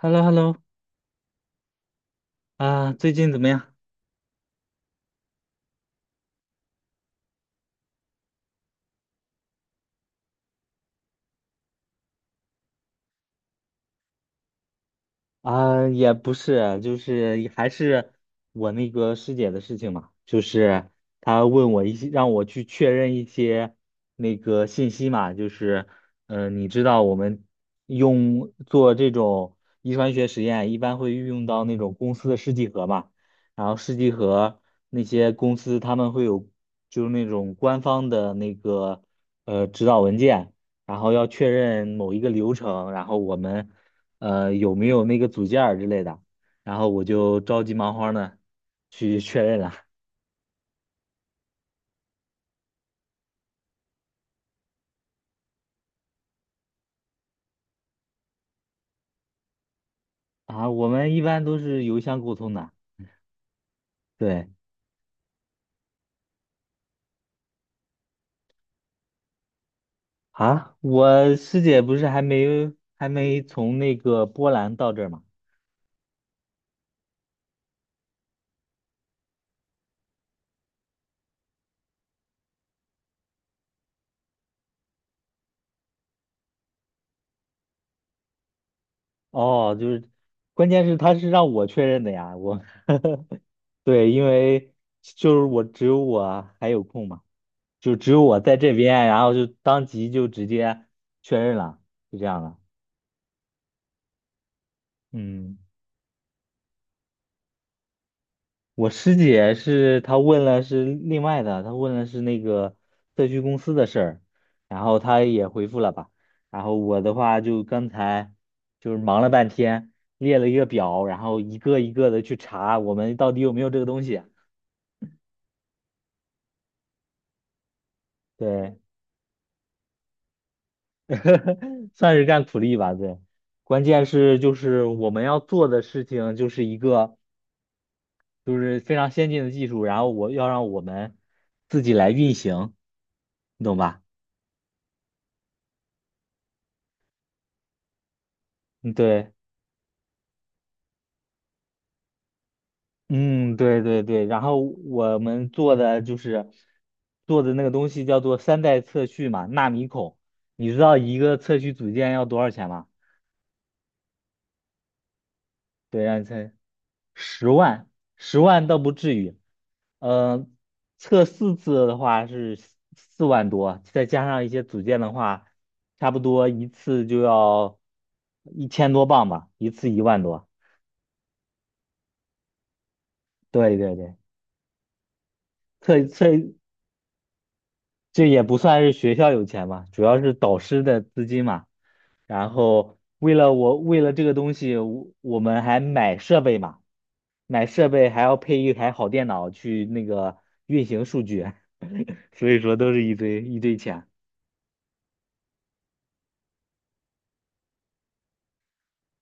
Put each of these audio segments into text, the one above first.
h e l l o h e l l o 啊，最近怎么样？啊，也不是，就是还是我那个师姐的事情嘛，就是她问我一些，让我去确认一些那个信息嘛，就是，你知道我们用做这种遗传学实验，一般会运用到那种公司的试剂盒嘛，然后试剂盒那些公司他们会有就是那种官方的那个指导文件。然后要确认某一个流程，然后我们有没有那个组件儿之类的，然后我就着急忙慌的去确认了啊。我们一般都是邮箱沟通的，对啊，我师姐不是还没从那个波兰到这儿吗？哦，就是，关键是他是让我确认的呀，我 对，因为就是我只有我还有空嘛，就只有我在这边，然后就当即就直接确认了，就这样了，嗯。我师姐是她问了是另外的，她问了是那个社区公司的事儿，然后她也回复了吧。然后我的话就刚才就是忙了半天，列了一个表，然后一个一个的去查我们到底有没有这个东西。对，算是干苦力吧。对，关键是就是我们要做的事情就是一个就是非常先进的技术，然后我要让我们自己来运行，你懂吧？嗯，对。嗯，对对对，然后我们做的就是做的那个东西叫做三代测序嘛，纳米孔。你知道一个测序组件要多少钱吗？对，让你猜，十万，十万倒不至于。嗯，测4次的话是四万多，再加上一些组件的话，差不多一次就要1000多磅吧，一次一万多。对对对，测测这也不算是学校有钱嘛，主要是导师的资金嘛。然后为了我，为了这个东西，我们还买设备嘛，买设备还要配一台好电脑去那个运行数据，所以说都是一堆一堆钱。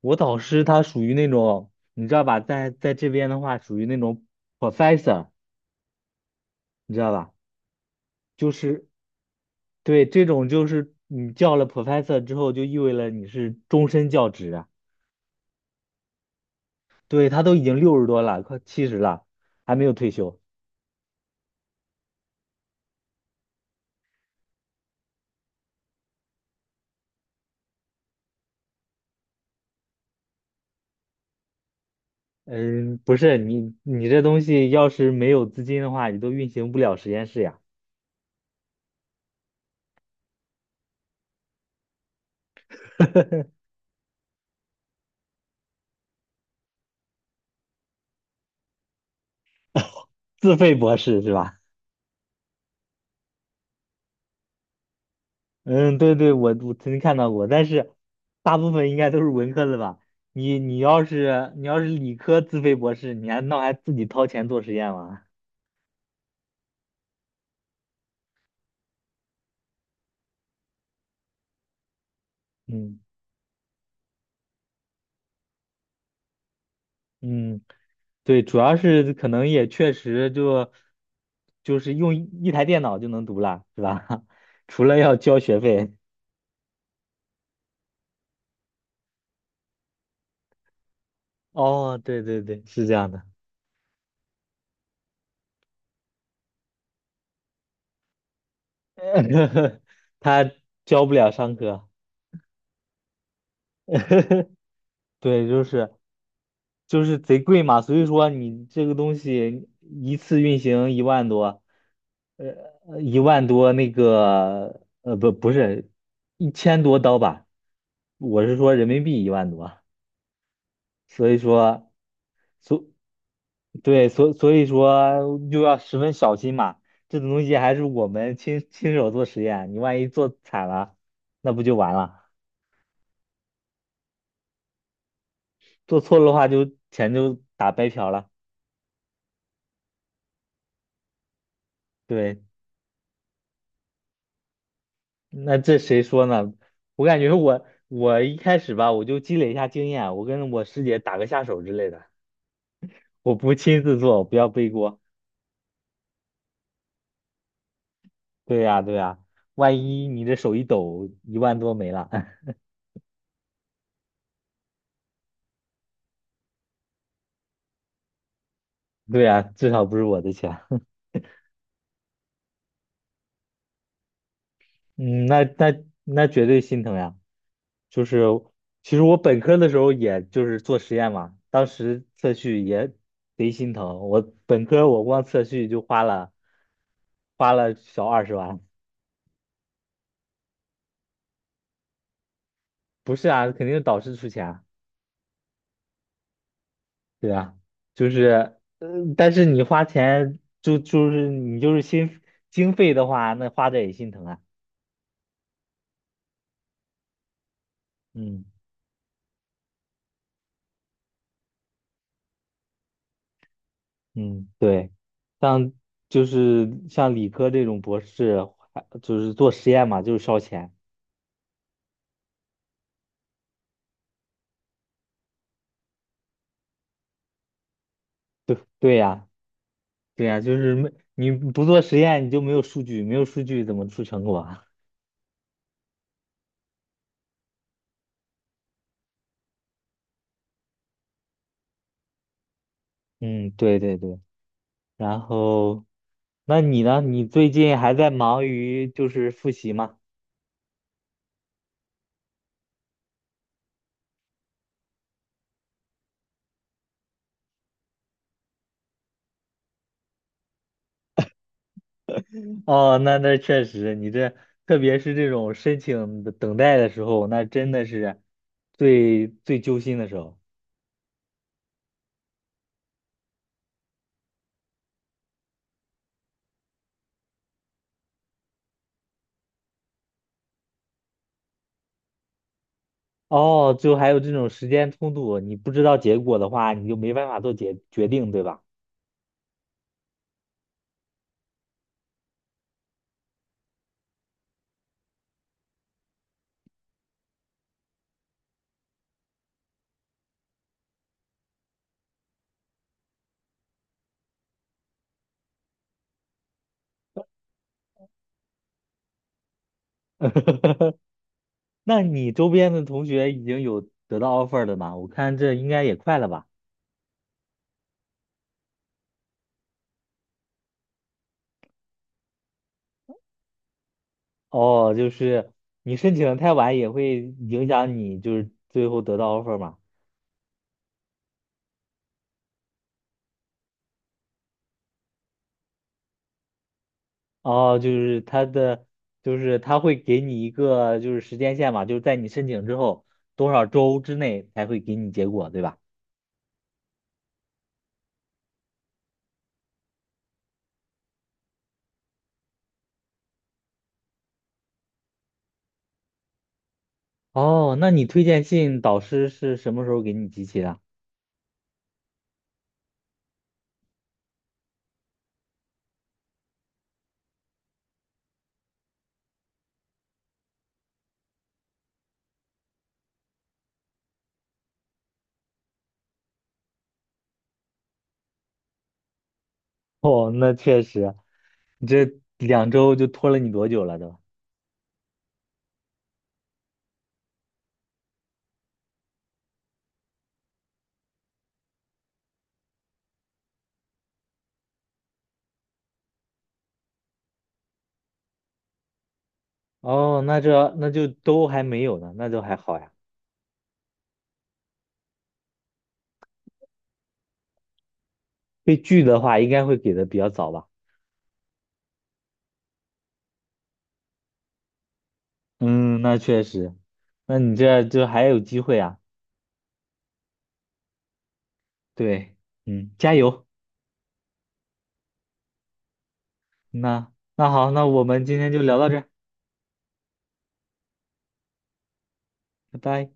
我导师他属于那种，你知道吧，在这边的话属于那种 professor，你知道吧？就是对这种就是你叫了 professor 之后，就意味着你是终身教职。对，他都已经60多了，快70了，还没有退休。嗯，不是你这东西要是没有资金的话，你都运行不了实验室呀。自费博士是吧？嗯，对对，我曾经看到过，但是大部分应该都是文科的吧？你要是理科自费博士，你还自己掏钱做实验吗？嗯嗯，对，主要是可能也确实就是用一台电脑就能读了，是吧？除了要交学费。哦，对对对，是这样的，他教不了上课，对，就是贼贵嘛，所以说你这个东西一次运行一万多，一万多不是1000多刀吧，我是说人民币一万多，所以说，所对，所以说又要十分小心嘛，这种东西还是我们亲手做实验，你万一做惨了，那不就完了？做错了的话就钱就打白嫖了。对，那这谁说呢？我感觉我一开始吧，我就积累一下经验，我跟我师姐打个下手之类的，我不亲自做，不要背锅。对呀，对呀，万一你这手一抖，一万多没了，对呀，至少不是我的钱。嗯，那绝对心疼呀。就是其实我本科的时候，也就是做实验嘛，当时测序也贼心疼。我本科我光测序就花了小20万，不是啊，肯定是导师出钱啊，对啊，就是，但是你花钱就是你就是心经费的话，那花的也心疼啊，嗯。嗯，对，像就是像理科这种博士，还就是做实验嘛，就是烧钱。对对呀，对呀，就是没你不做实验，你就没有数据，没有数据怎么出成果啊？嗯，对对对。然后，那你呢？你最近还在忙于就是复习吗？哦，那确实，你这特别是这种申请的等待的时候，那真的是最最揪心的时候。哦，就还有这种时间冲突，你不知道结果的话，你就没办法做决定，对吧？那你周边的同学已经有得到 offer 的吗？我看这应该也快了吧？哦，就是你申请的太晚也会影响你，就是最后得到 offer 嘛？哦，就是他的，就是他会给你一个就是时间线嘛，就是在你申请之后多少周之内才会给你结果，对吧？哦，那你推荐信导师是什么时候给你集齐的？哦，那确实，你这2周就拖了你多久了都？哦，那就都还没有呢，那就还好呀。被拒的话，应该会给的比较早吧？嗯，那确实，那你这就还有机会啊。对，嗯，加油。那好，那我们今天就聊到这儿，拜拜。